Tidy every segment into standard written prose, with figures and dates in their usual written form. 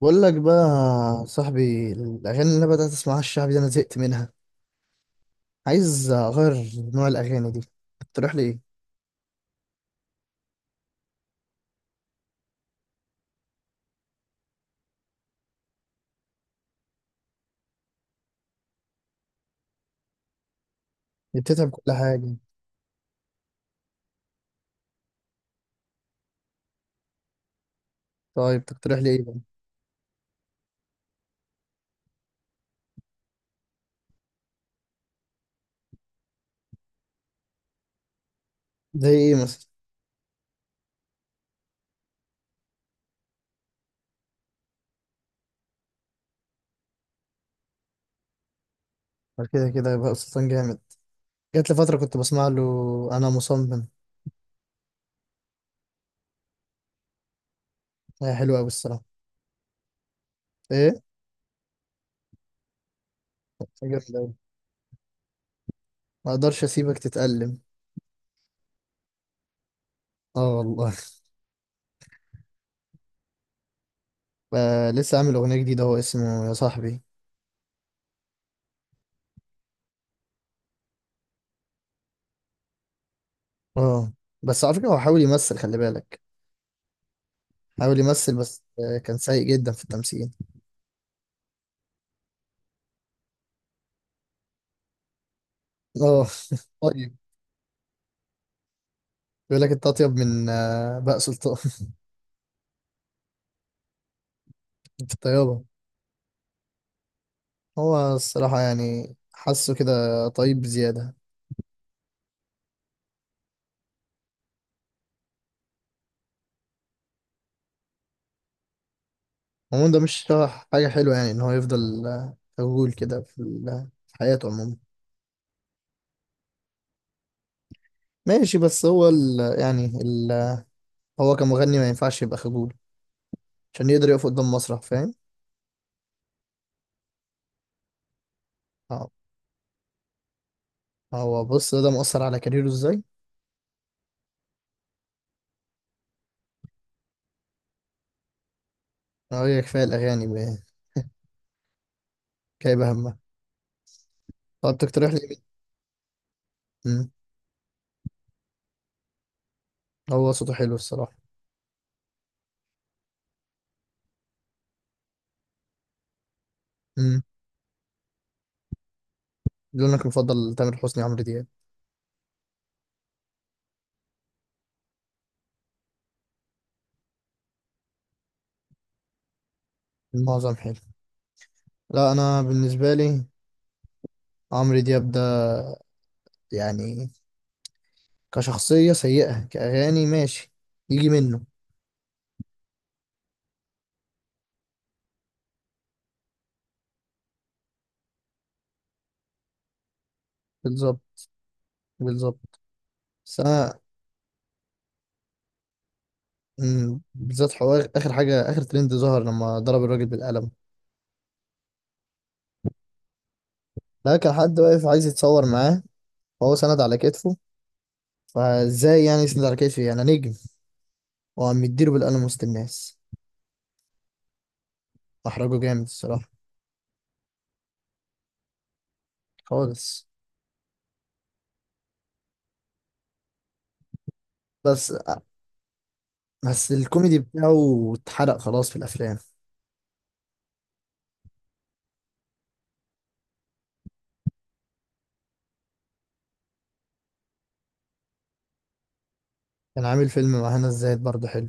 بقول لك بقى يا صاحبي، الاغاني اللي انا بدات اسمعها الشعبي دي انا زهقت منها. عايز اغير نوع الاغاني دي. تقترح لي ايه؟ دي بتتعب كل حاجه. طيب تقترح لي ايه بقى؟ زي ايه مثلا؟ بعد كده كده يبقى سلطان جامد. جات لي فتره كنت بسمع له. انا مصمم. هي حلوه قوي الصراحه. ايه؟ جامد قوي. ما اقدرش اسيبك تتألم. اه والله. لسه عامل اغنيه جديده، هو اسمه يا صاحبي. اه. بس على فكره هو حاول يمثل، خلي بالك. حاول يمثل بس كان سيء جدا في التمثيل. اه. طيب. بيقول لك انت اطيب من بهاء سلطان. في الطيابه. هو الصراحه يعني حاسه كده. طيب بزياده. عموما ده مش حاجه حلوه يعني ان هو يفضل خجول كده في حياته عموما. ماشي، بس هو ال يعني هو كمغني ما ينفعش يبقى خجول. عشان يقدر يقف قدام مسرح، فاهم؟ اه، هو بص ده مؤثر على كاريره ازاي؟ اه، هي كفايه الاغاني، كايبه همها. طب تقترح لي مين؟ مم. هو صوته حلو الصراحه. مم. لونك المفضل تامر حسني، عمرو دياب. معظم حلو. لا، انا بالنسبه لي عمرو دياب ده يعني كشخصيه سيئه، كاغاني ماشي يجي منه. بالظبط، بالظبط. بس انا. بالذات حوار اخر حاجه، اخر ترند ظهر لما ضرب الراجل بالقلم. لا، كان حد واقف عايز يتصور معاه. وهو سند على كتفه. فازاي يعني يسند على كتفي؟ يعني نجم. وعم يديله بالقلم وسط الناس. محرجه جامد الصراحه. خالص. بس. بس الكوميدي بتاعه اتحرق خلاص في الافلام. كان عامل فيلم مع هنا الزاهد برضه حلو.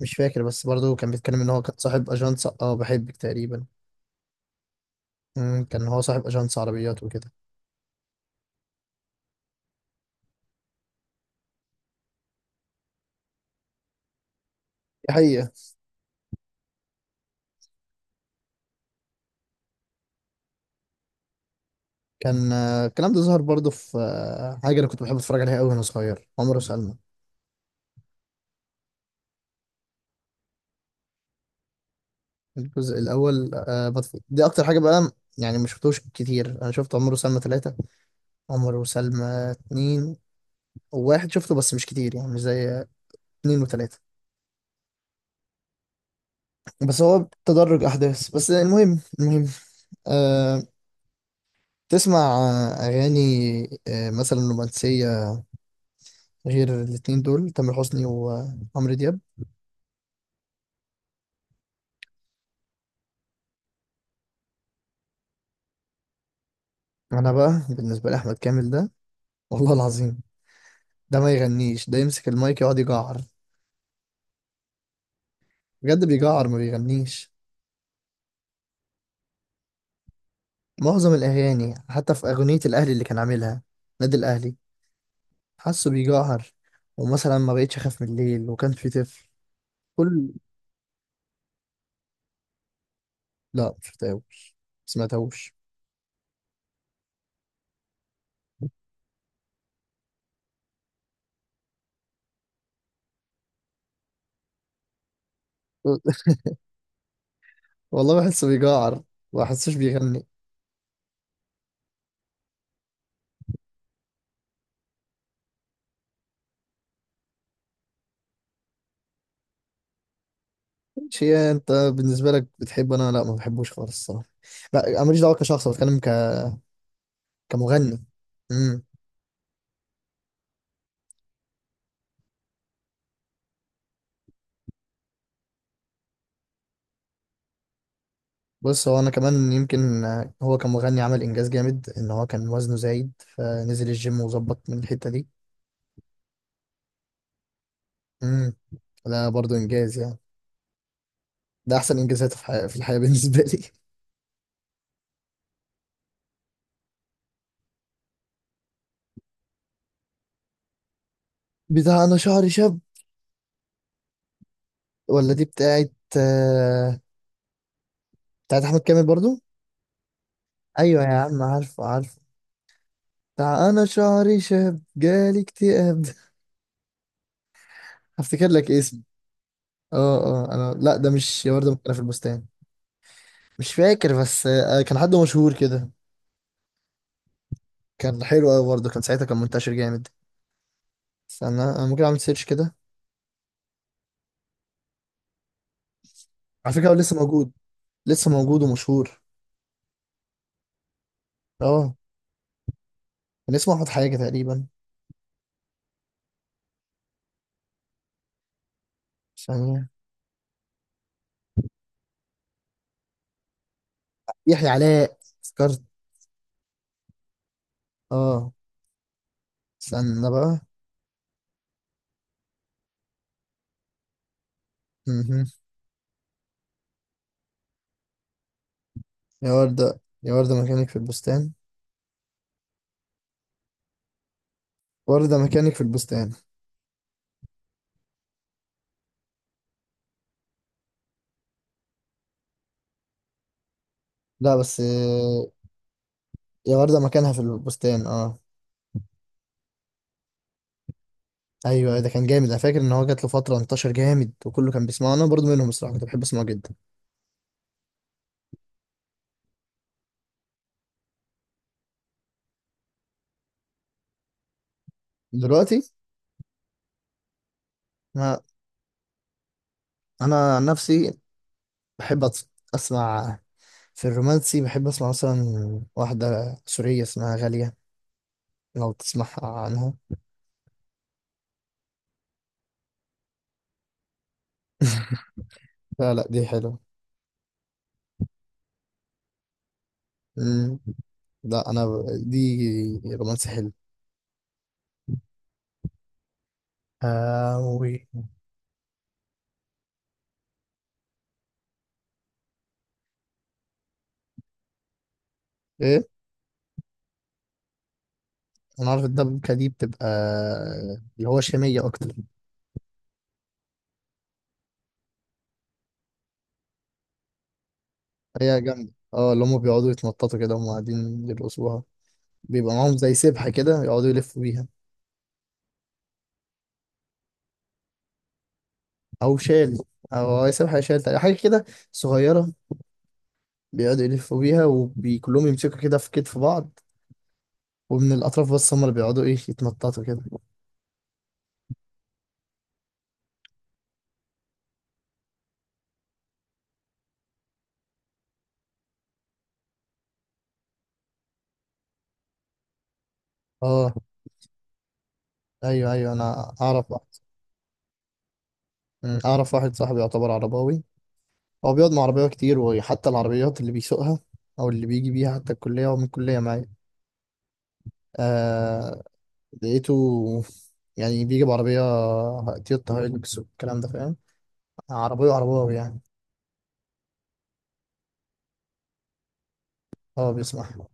مش فاكر، بس برضه كان بيتكلم ان هو كان صاحب اجنس بحبك تقريبا. كان هو صاحب اجنس عربيات وكده. دي حقيقة. كان الكلام ده ظهر برضه في حاجة انا كنت بحب اتفرج عليها قوي وانا صغير، عمر وسلمى. الجزء الاول دي اكتر حاجة بقى. يعني ما شفتوش كتير، انا شفت عمر وسلمى ثلاثة، عمر وسلمى اتنين، وواحد شفته بس مش كتير، يعني مش زي اتنين وتلاتة. بس هو تدرج احداث، بس المهم. أه. تسمع أغاني، مثلا رومانسية، غير الاتنين دول تامر حسني وعمرو دياب. انا بقى بالنسبه لي احمد كامل ده، والله العظيم، ده ما يغنيش، ده يمسك المايك يقعد يجعر. بجد بيجعر، ما بيغنيش. معظم الاغاني، حتى في اغنيه الاهلي اللي كان عاملها، نادي الاهلي، حاسه بيجعر. ومثلا ما بقتش اخاف من الليل، وكان في طفل. كل. لا، مش شفتهوش، سمعتهوش. والله بحسه بيجعر، ما بحسوش بيغني. شيء انت بالنسبه لك بتحبه، انا لا ما بحبوش خالص الصراحه. لا، أنا ماليش دعوه، كشخص بتكلم كمغني. امم بص هو انا كمان يمكن هو كمغني عمل انجاز جامد، ان هو كان وزنه زايد، فنزل الجيم وظبط من الحتة دي. امم ده برضو انجاز يعني. ده احسن انجازات في الحياة بالنسبة لي. بتاع انا شعري شاب، ولا دي بتاعت؟ آه، بتاعت احمد كامل برضو. ايوه يا عم، عارفه، عارفه. بتاع انا شعري شاب جالي اكتئاب. هفتكر لك اسم. اه. اه، انا لا، ده مش يا وردة مكنة في البستان. مش فاكر، بس كان حد مشهور كده. كان حلو قوي برضه، كان ساعتها كان منتشر جامد. استنى، انا ممكن اعمل سيرش كده. على فكره هو لسه موجود، لسه موجود ومشهور. اه. كان اسمه احمد حاجه تقريبا. ثانيه. يحيى علاء. افتكرت. اه. استنى بقى. مهم. يا ورده، يا ورده مكانك في البستان. ورده مكانك في البستان. لا بس يا ورده مكانها في البستان. اه. ايوه، ده كان جامد، انا فاكر ان هو جات له فتره انتشر جامد وكله كان بيسمعه، انا برضه منهم الصراحه، كنت بحب اسمعه جدا. دلوقتي. ما. انا عن نفسي بحب اسمع. في الرومانسي بحب اسمع مثلا واحدة سورية اسمها غالية، لو تسمع عنها. لا، لا، دي حلوة. مم. لا، انا دي رومانسي حلو. هاوي. ايه؟ انا عارف، الدبكة دي بتبقى اللي هو شامية اكتر. هي جامدة، اللي هم بيقعدوا يتنططوا كده وهم قاعدين يرقصوها. بيبقى معاهم زي سبحة كده، يقعدوا يلفوا بيها. او شال، او سبحة، شال حاجة كده، صغيرة. بيقعدوا يلفوا بيها وكلهم يمسكوا كده في كتف بعض، ومن الأطراف بس هم اللي بيقعدوا إيه يتنططوا كده. أه. أيوه، أيوه، أنا أعرف واحد. أعرف واحد صاحبي يعتبر عرباوي. هو بيقعد مع عربية كتير، وحتى العربيات اللي بيسوقها أو اللي بيجي بيها حتى الكلية، ومن الكلية معايا. آه. لقيته. يعني بيجي بعربية، تويوتا هايلوكس والكلام ده، فاهم؟ عربية عرباوي يعني. أه، بيسمع.